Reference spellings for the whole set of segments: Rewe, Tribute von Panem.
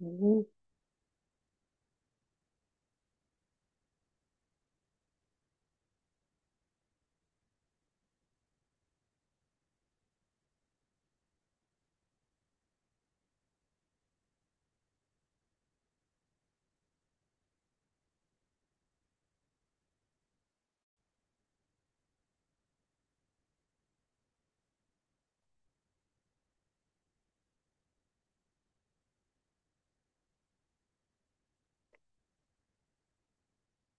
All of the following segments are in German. Mhm.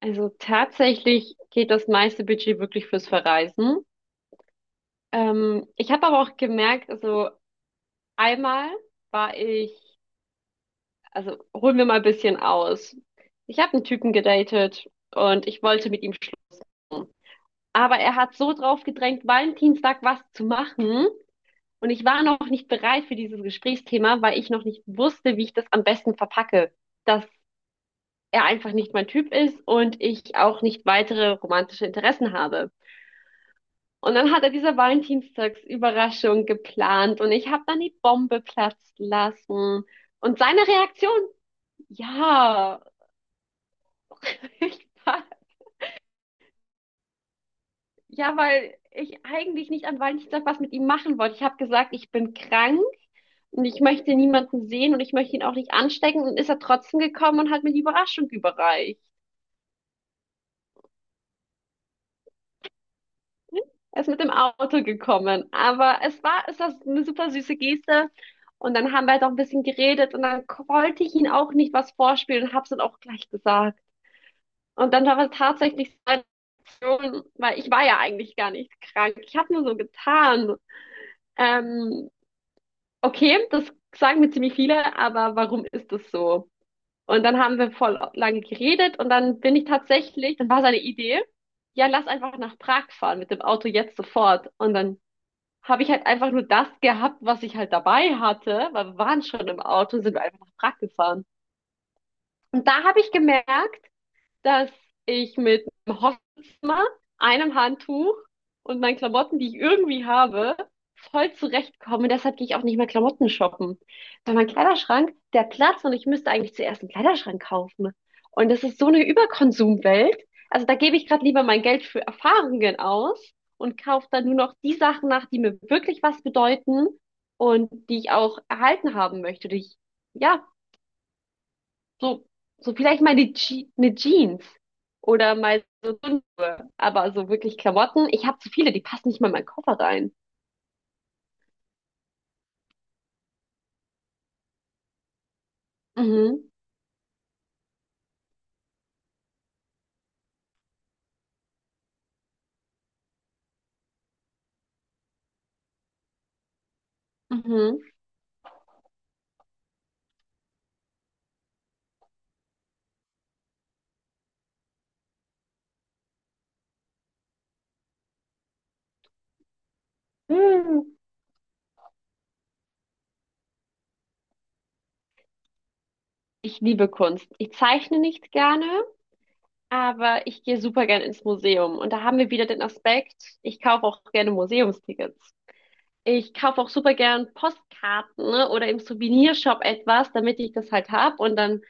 Also tatsächlich geht das meiste Budget wirklich fürs Verreisen. Ich habe aber auch gemerkt, also einmal war ich, also holen wir mal ein bisschen aus. Ich habe einen Typen gedatet und ich wollte mit ihm schlafen. Aber er hat so drauf gedrängt, Valentinstag was zu machen. Und ich war noch nicht bereit für dieses Gesprächsthema, weil ich noch nicht wusste, wie ich das am besten verpacke. Dass er einfach nicht mein Typ ist und ich auch nicht weitere romantische Interessen habe. Und dann hat er diese Valentinstagsüberraschung geplant und ich habe dann die Bombe platzen lassen. Und seine Reaktion, ja, ich war, ja, weil ich eigentlich nicht an Valentinstag was mit ihm machen wollte. Ich habe gesagt, ich bin krank und ich möchte niemanden sehen und ich möchte ihn auch nicht anstecken. Und ist er trotzdem gekommen und hat mir die Überraschung überreicht. Er ist mit dem Auto gekommen, aber es war eine super süße Geste. Und dann haben wir halt auch ein bisschen geredet und dann wollte ich ihn auch nicht was vorspielen und hab's dann auch gleich gesagt. Und dann war es tatsächlich seine Reaktion, weil ich war ja eigentlich gar nicht krank. Ich habe nur so getan. Ähm, okay, das sagen mir ziemlich viele, aber warum ist das so? Und dann haben wir voll lange geredet und dann bin ich tatsächlich, dann war seine Idee, ja, lass einfach nach Prag fahren mit dem Auto jetzt sofort. Und dann habe ich halt einfach nur das gehabt, was ich halt dabei hatte, weil wir waren schon im Auto und sind einfach nach Prag gefahren. Und da habe ich gemerkt, dass ich mit einem Hosmer, einem Handtuch und meinen Klamotten, die ich irgendwie habe, voll zurechtkomme. Deshalb gehe ich auch nicht mehr Klamotten shoppen. Weil mein Kleiderschrank, der Platz und ich müsste eigentlich zuerst einen Kleiderschrank kaufen. Und das ist so eine Überkonsumwelt. Also da gebe ich gerade lieber mein Geld für Erfahrungen aus und kaufe dann nur noch die Sachen nach, die mir wirklich was bedeuten und die ich auch erhalten haben möchte, die ich ja so, so vielleicht mal die Je eine Jeans oder mal so, dünn, aber so wirklich Klamotten. Ich habe zu viele, die passen nicht mal in meinen Koffer rein. Mhm. Mhm. Hm. Ich liebe Kunst. Ich zeichne nicht gerne, aber ich gehe super gerne ins Museum. Und da haben wir wieder den Aspekt, ich kaufe auch gerne Museumstickets. Ich kaufe auch super gern Postkarten, ne, oder im Souvenirshop etwas, damit ich das halt hab. Und dann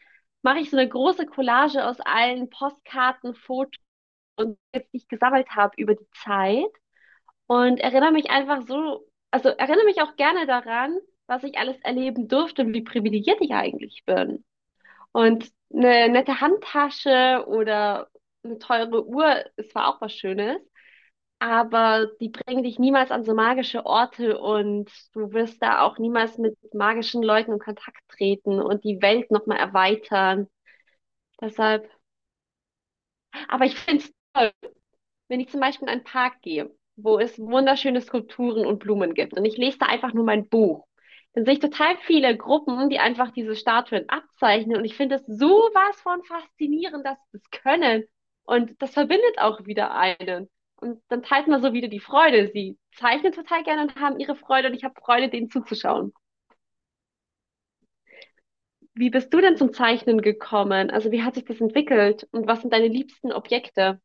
mache ich so eine große Collage aus allen Postkarten, und jetzt, die ich gesammelt habe über die Zeit und erinnere mich einfach so, also erinnere mich auch gerne daran, was ich alles erleben durfte und wie privilegiert ich eigentlich bin. Und eine nette Handtasche oder eine teure Uhr ist zwar auch was Schönes, aber die bringen dich niemals an so magische Orte und du wirst da auch niemals mit magischen Leuten in Kontakt treten und die Welt nochmal erweitern. Deshalb, aber ich finde es toll, wenn ich zum Beispiel in einen Park gehe, wo es wunderschöne Skulpturen und Blumen gibt und ich lese da einfach nur mein Buch, dann sehe ich total viele Gruppen, die einfach diese Statuen abzeichnen und ich finde es sowas von faszinierend, dass sie das können und das verbindet auch wieder einen. Und dann teilt man so wieder die Freude. Sie zeichnen total gerne und haben ihre Freude und ich habe Freude, denen zuzuschauen. Wie bist du denn zum Zeichnen gekommen? Also wie hat sich das entwickelt und was sind deine liebsten Objekte?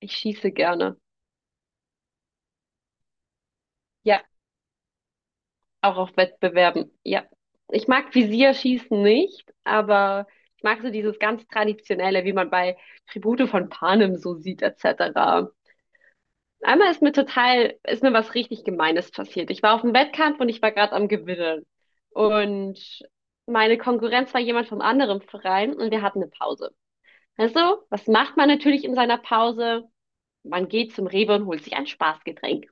Ich schieße gerne. Ja, auch auf Wettbewerben, ja. Ich mag Visierschießen nicht, aber ich mag so dieses ganz Traditionelle, wie man bei Tribute von Panem so sieht, etc. Einmal ist mir was richtig Gemeines passiert. Ich war auf einem Wettkampf und ich war gerade am Gewinnen. Und meine Konkurrenz war jemand vom anderen Verein und wir hatten eine Pause. Also, was macht man natürlich in seiner Pause? Man geht zum Rewe und holt sich ein Spaßgetränk.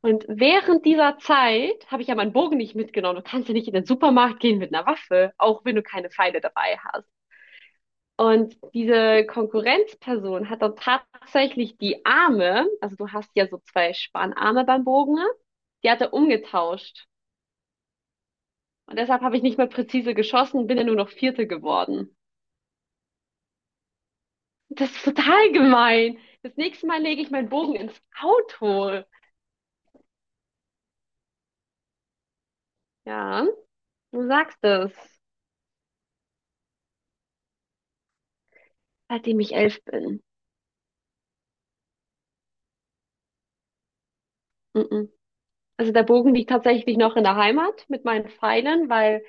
Und während dieser Zeit habe ich ja meinen Bogen nicht mitgenommen. Du kannst ja nicht in den Supermarkt gehen mit einer Waffe, auch wenn du keine Pfeile dabei hast. Und diese Konkurrenzperson hat dann tatsächlich die Arme, also du hast ja so zwei Spanarme beim Bogen, die hat er umgetauscht. Und deshalb habe ich nicht mehr präzise geschossen, bin ja nur noch Vierte geworden. Das ist total gemein. Das nächste Mal lege ich meinen Bogen ins Auto. Ja, du sagst es, seitdem ich 11 bin. Mm-mm. Also der Bogen liegt tatsächlich noch in der Heimat mit meinen Pfeilen, weil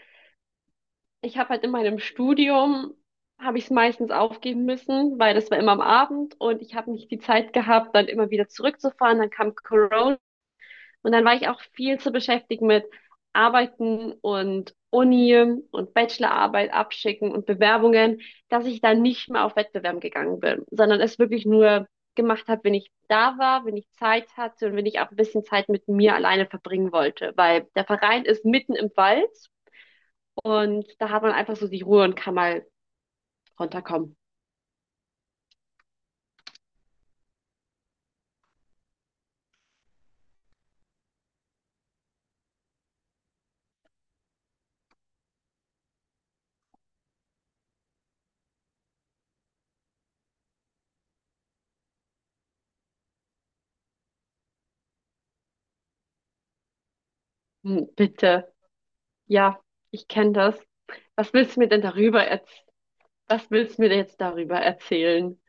ich habe halt in meinem Studium, habe ich es meistens aufgeben müssen, weil das war immer am Abend und ich habe nicht die Zeit gehabt, dann immer wieder zurückzufahren. Dann kam Corona und dann war ich auch viel zu beschäftigt mit Arbeiten und Uni und Bachelorarbeit abschicken und Bewerbungen, dass ich dann nicht mehr auf Wettbewerben gegangen bin, sondern es wirklich nur gemacht habe, wenn ich da war, wenn ich Zeit hatte und wenn ich auch ein bisschen Zeit mit mir alleine verbringen wollte, weil der Verein ist mitten im Wald und da hat man einfach so die Ruhe und kann mal runterkommen. Hm, bitte. Ja, ich kenne das. Was willst du mir denn darüber was willst du mir denn jetzt darüber erzählen?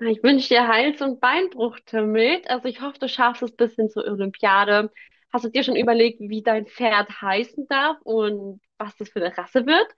Ah, ich wünsche dir Hals- und Beinbruch, Timmelt. Also ich hoffe, du schaffst es bis hin zur Olympiade. Hast du dir schon überlegt, wie dein Pferd heißen darf und was das für eine Rasse wird?